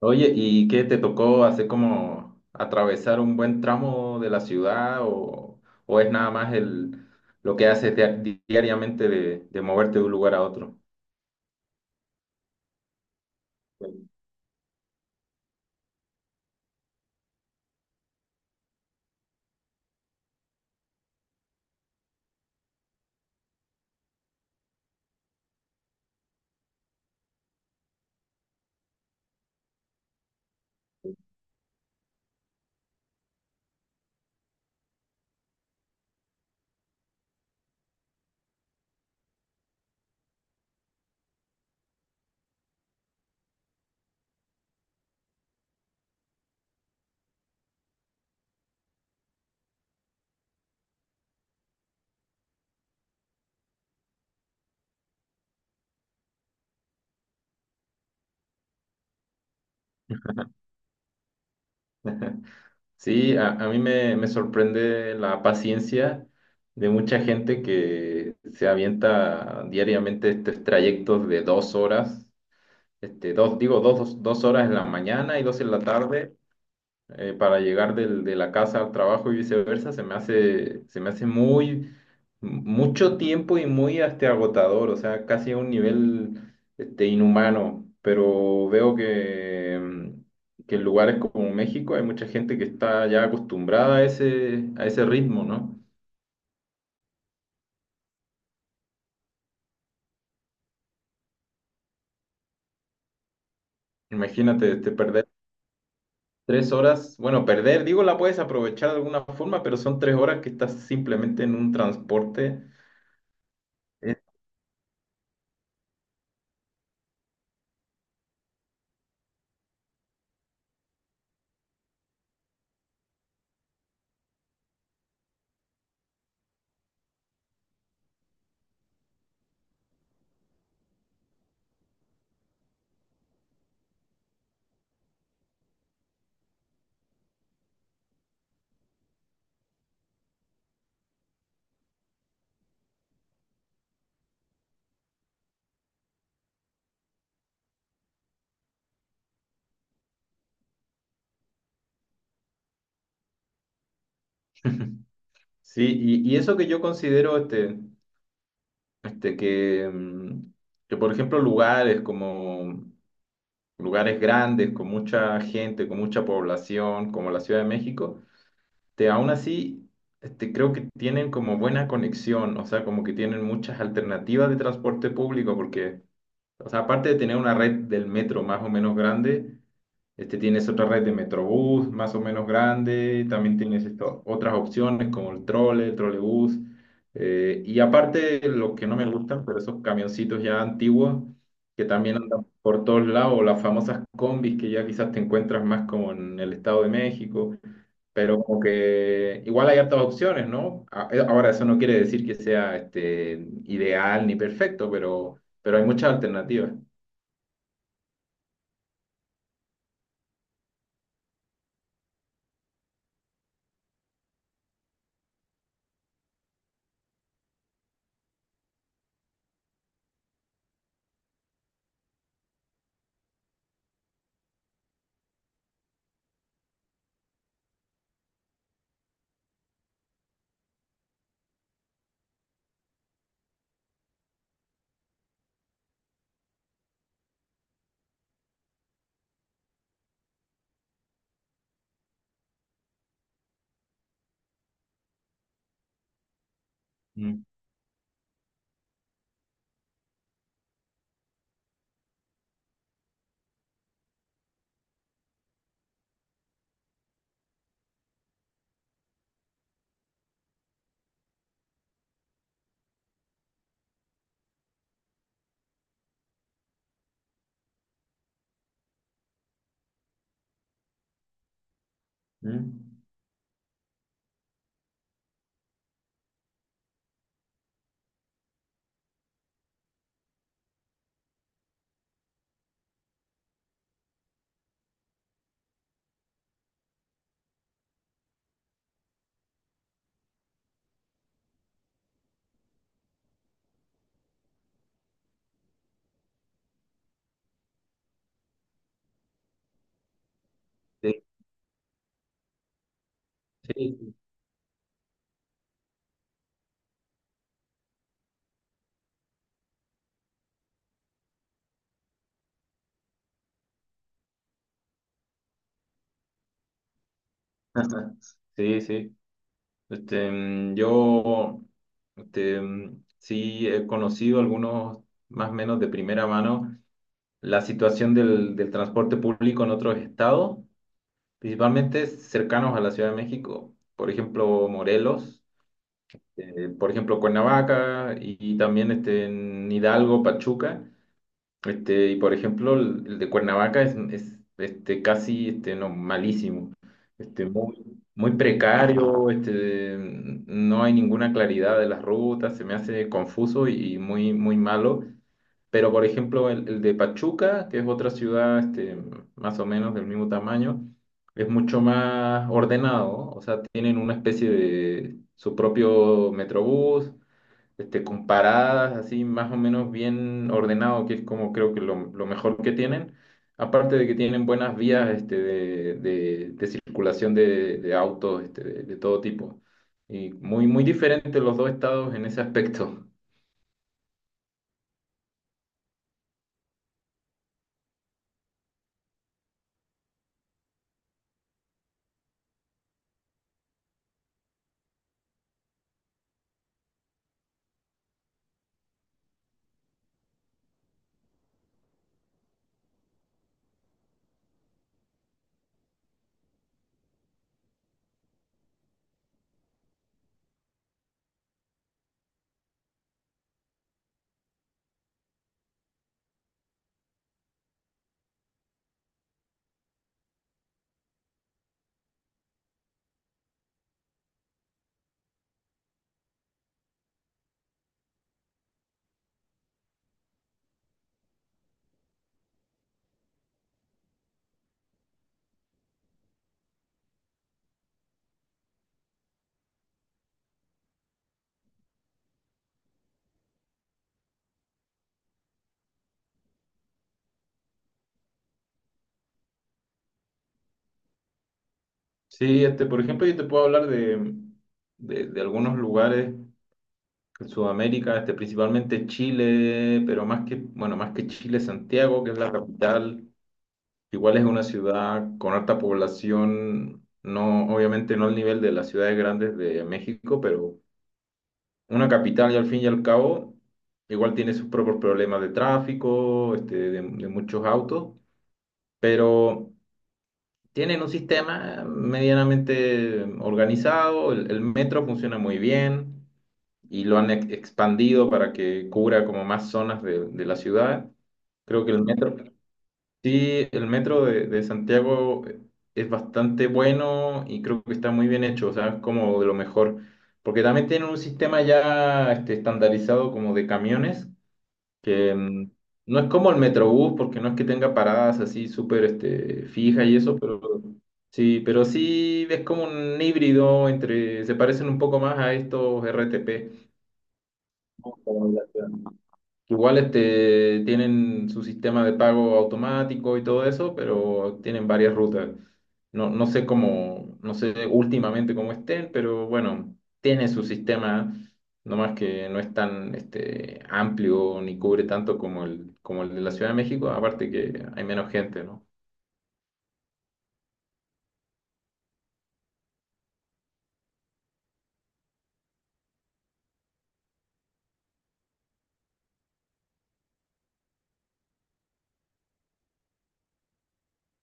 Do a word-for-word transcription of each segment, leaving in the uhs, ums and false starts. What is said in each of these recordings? Oye, ¿y qué te tocó hacer, como atravesar un buen tramo de la ciudad o, o es nada más el, lo que haces di- diariamente, de, de moverte de un lugar a otro? Sí, a, a mí me, me sorprende la paciencia de mucha gente que se avienta diariamente estos trayectos de dos horas, este, dos, digo, dos, dos horas en la mañana y dos en la tarde, eh, para llegar del- de la casa al trabajo y viceversa. Se me hace, se me hace muy, mucho tiempo y muy este agotador, o sea, casi a un nivel este, inhumano. Pero veo que, mm, que en lugares como México hay mucha gente que está ya acostumbrada a ese, a ese ritmo, ¿no? Imagínate, este, perder tres horas, bueno, perder, digo, la puedes aprovechar de alguna forma, pero son tres horas que estás simplemente en un transporte. eh, Sí, y, y eso que yo considero. Este, Este, que, mm, que, por ejemplo, lugares como lugares grandes, con mucha gente, con mucha población, como la Ciudad de México. Te, aún así este, creo que tienen como buena conexión, o sea, como que tienen muchas alternativas de transporte público, porque, o sea, aparte de tener una red del metro más o menos grande, este, tienes otra red de Metrobús más o menos grande. También tienes esto- otras opciones como el trole, el trolebús. Eh, y aparte, lo que no me gustan, pero esos camioncitos ya antiguos que también andan por todos lados, o las famosas combis que ya quizás te encuentras más como en el Estado de México, pero como que igual hay hartas opciones, ¿no? A- eh, Ahora, eso no quiere decir que sea este, ideal ni perfecto, pero pero hay muchas alternativas. Mm. Mm. Sí. Sí, sí, sí. Sí. Este, mm, yo este, mm, sí he conocido algunos, más o menos de primera mano, la situación del, del transporte público en otros estados, principalmente cercanos a la Ciudad de México. Por ejemplo, Morelos, eh, por ejemplo, Cuernavaca y, y también este, en Hidalgo, Pachuca. Este, y por ejemplo, el, el de Cuernavaca es, es, este, casi este, no, malísimo. Este, muy, muy precario. Este, no hay ninguna claridad de las rutas, se me hace confuso y, y muy, muy malo. Pero por ejemplo, el, el de Pachuca, que es otra ciudad este, más o menos del mismo tamaño, es mucho más ordenado. O sea, tienen una especie de su propio metrobús, este, comparadas, así más o menos bien ordenado, que es como creo que lo, lo mejor que tienen. Aparte de que tienen buenas vías, este, de, de- de circulación de, de autos, este, de, de todo tipo. Y muy, muy diferentes los dos estados en ese aspecto. Sí, este, por ejemplo, yo te puedo hablar de, de, de algunos lugares en Sudamérica, este, principalmente Chile, pero más que, bueno, más que Chile, Santiago, que es la capital. Igual es una ciudad con alta población, no, obviamente no al nivel de las ciudades grandes de México, pero una capital. Y al fin y al cabo, igual tiene sus propios problemas de tráfico, este, de, de muchos autos. Pero tienen un sistema medianamente organizado. El, el metro funciona muy bien y lo han ex- expandido para que cubra como más zonas de, de la ciudad. Creo que el metro. Sí, el metro de, de Santiago eh, es bastante bueno y creo que está muy bien hecho. O sea, es como de lo mejor, porque también tienen un sistema ya este, estandarizado como de camiones, que mm, no es como el Metrobús, porque no es que tenga paradas así súper este, fijas y eso. Pero sí, pero sí es como un híbrido entre, se parecen un poco más a estos R T P. Igual este, tienen su sistema de pago automático y todo eso, pero tienen varias rutas. No, no sé cómo, no sé últimamente cómo estén, pero bueno, tiene su sistema. Nomás que no es tan este, amplio ni cubre tanto como el, como el de la Ciudad de México, aparte que hay menos gente, ¿no?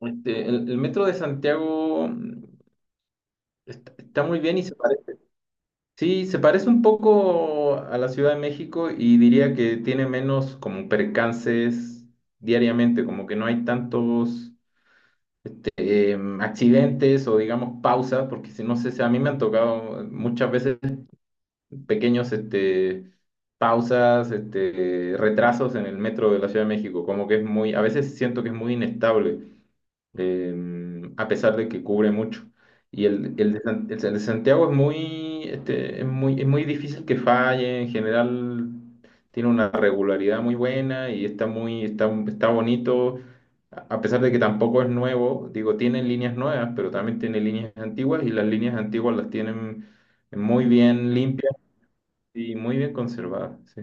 Este, el, el metro de Santiago mm, está, está muy bien y se parece. Sí, se parece un poco a la Ciudad de México y diría que tiene menos como percances diariamente, como que no hay tantos em, accidentes o digamos pausas, porque si no sé, si a mí me han tocado muchas veces pequeños este, pausas, este, retrasos en el metro de la Ciudad de México, como que es muy, a veces siento que es muy inestable em, a pesar de que cubre mucho. Y el, el de, San- el de Santiago es muy, este, es muy, es muy difícil que falle. En general tiene una regularidad muy buena y está muy, está, está bonito, a a pesar de que tampoco es nuevo. Digo, tiene líneas nuevas, pero también tiene líneas antiguas, y las líneas antiguas las tienen muy bien limpias y muy bien conservadas, sí.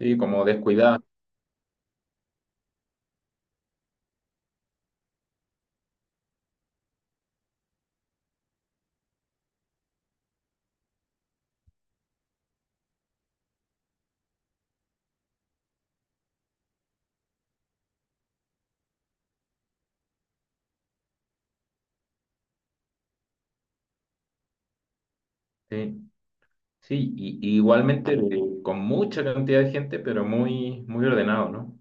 Sí, como descuidadas. Sí. Sí, y, y igualmente de- con mucha cantidad de gente, pero muy, muy ordenado, ¿no?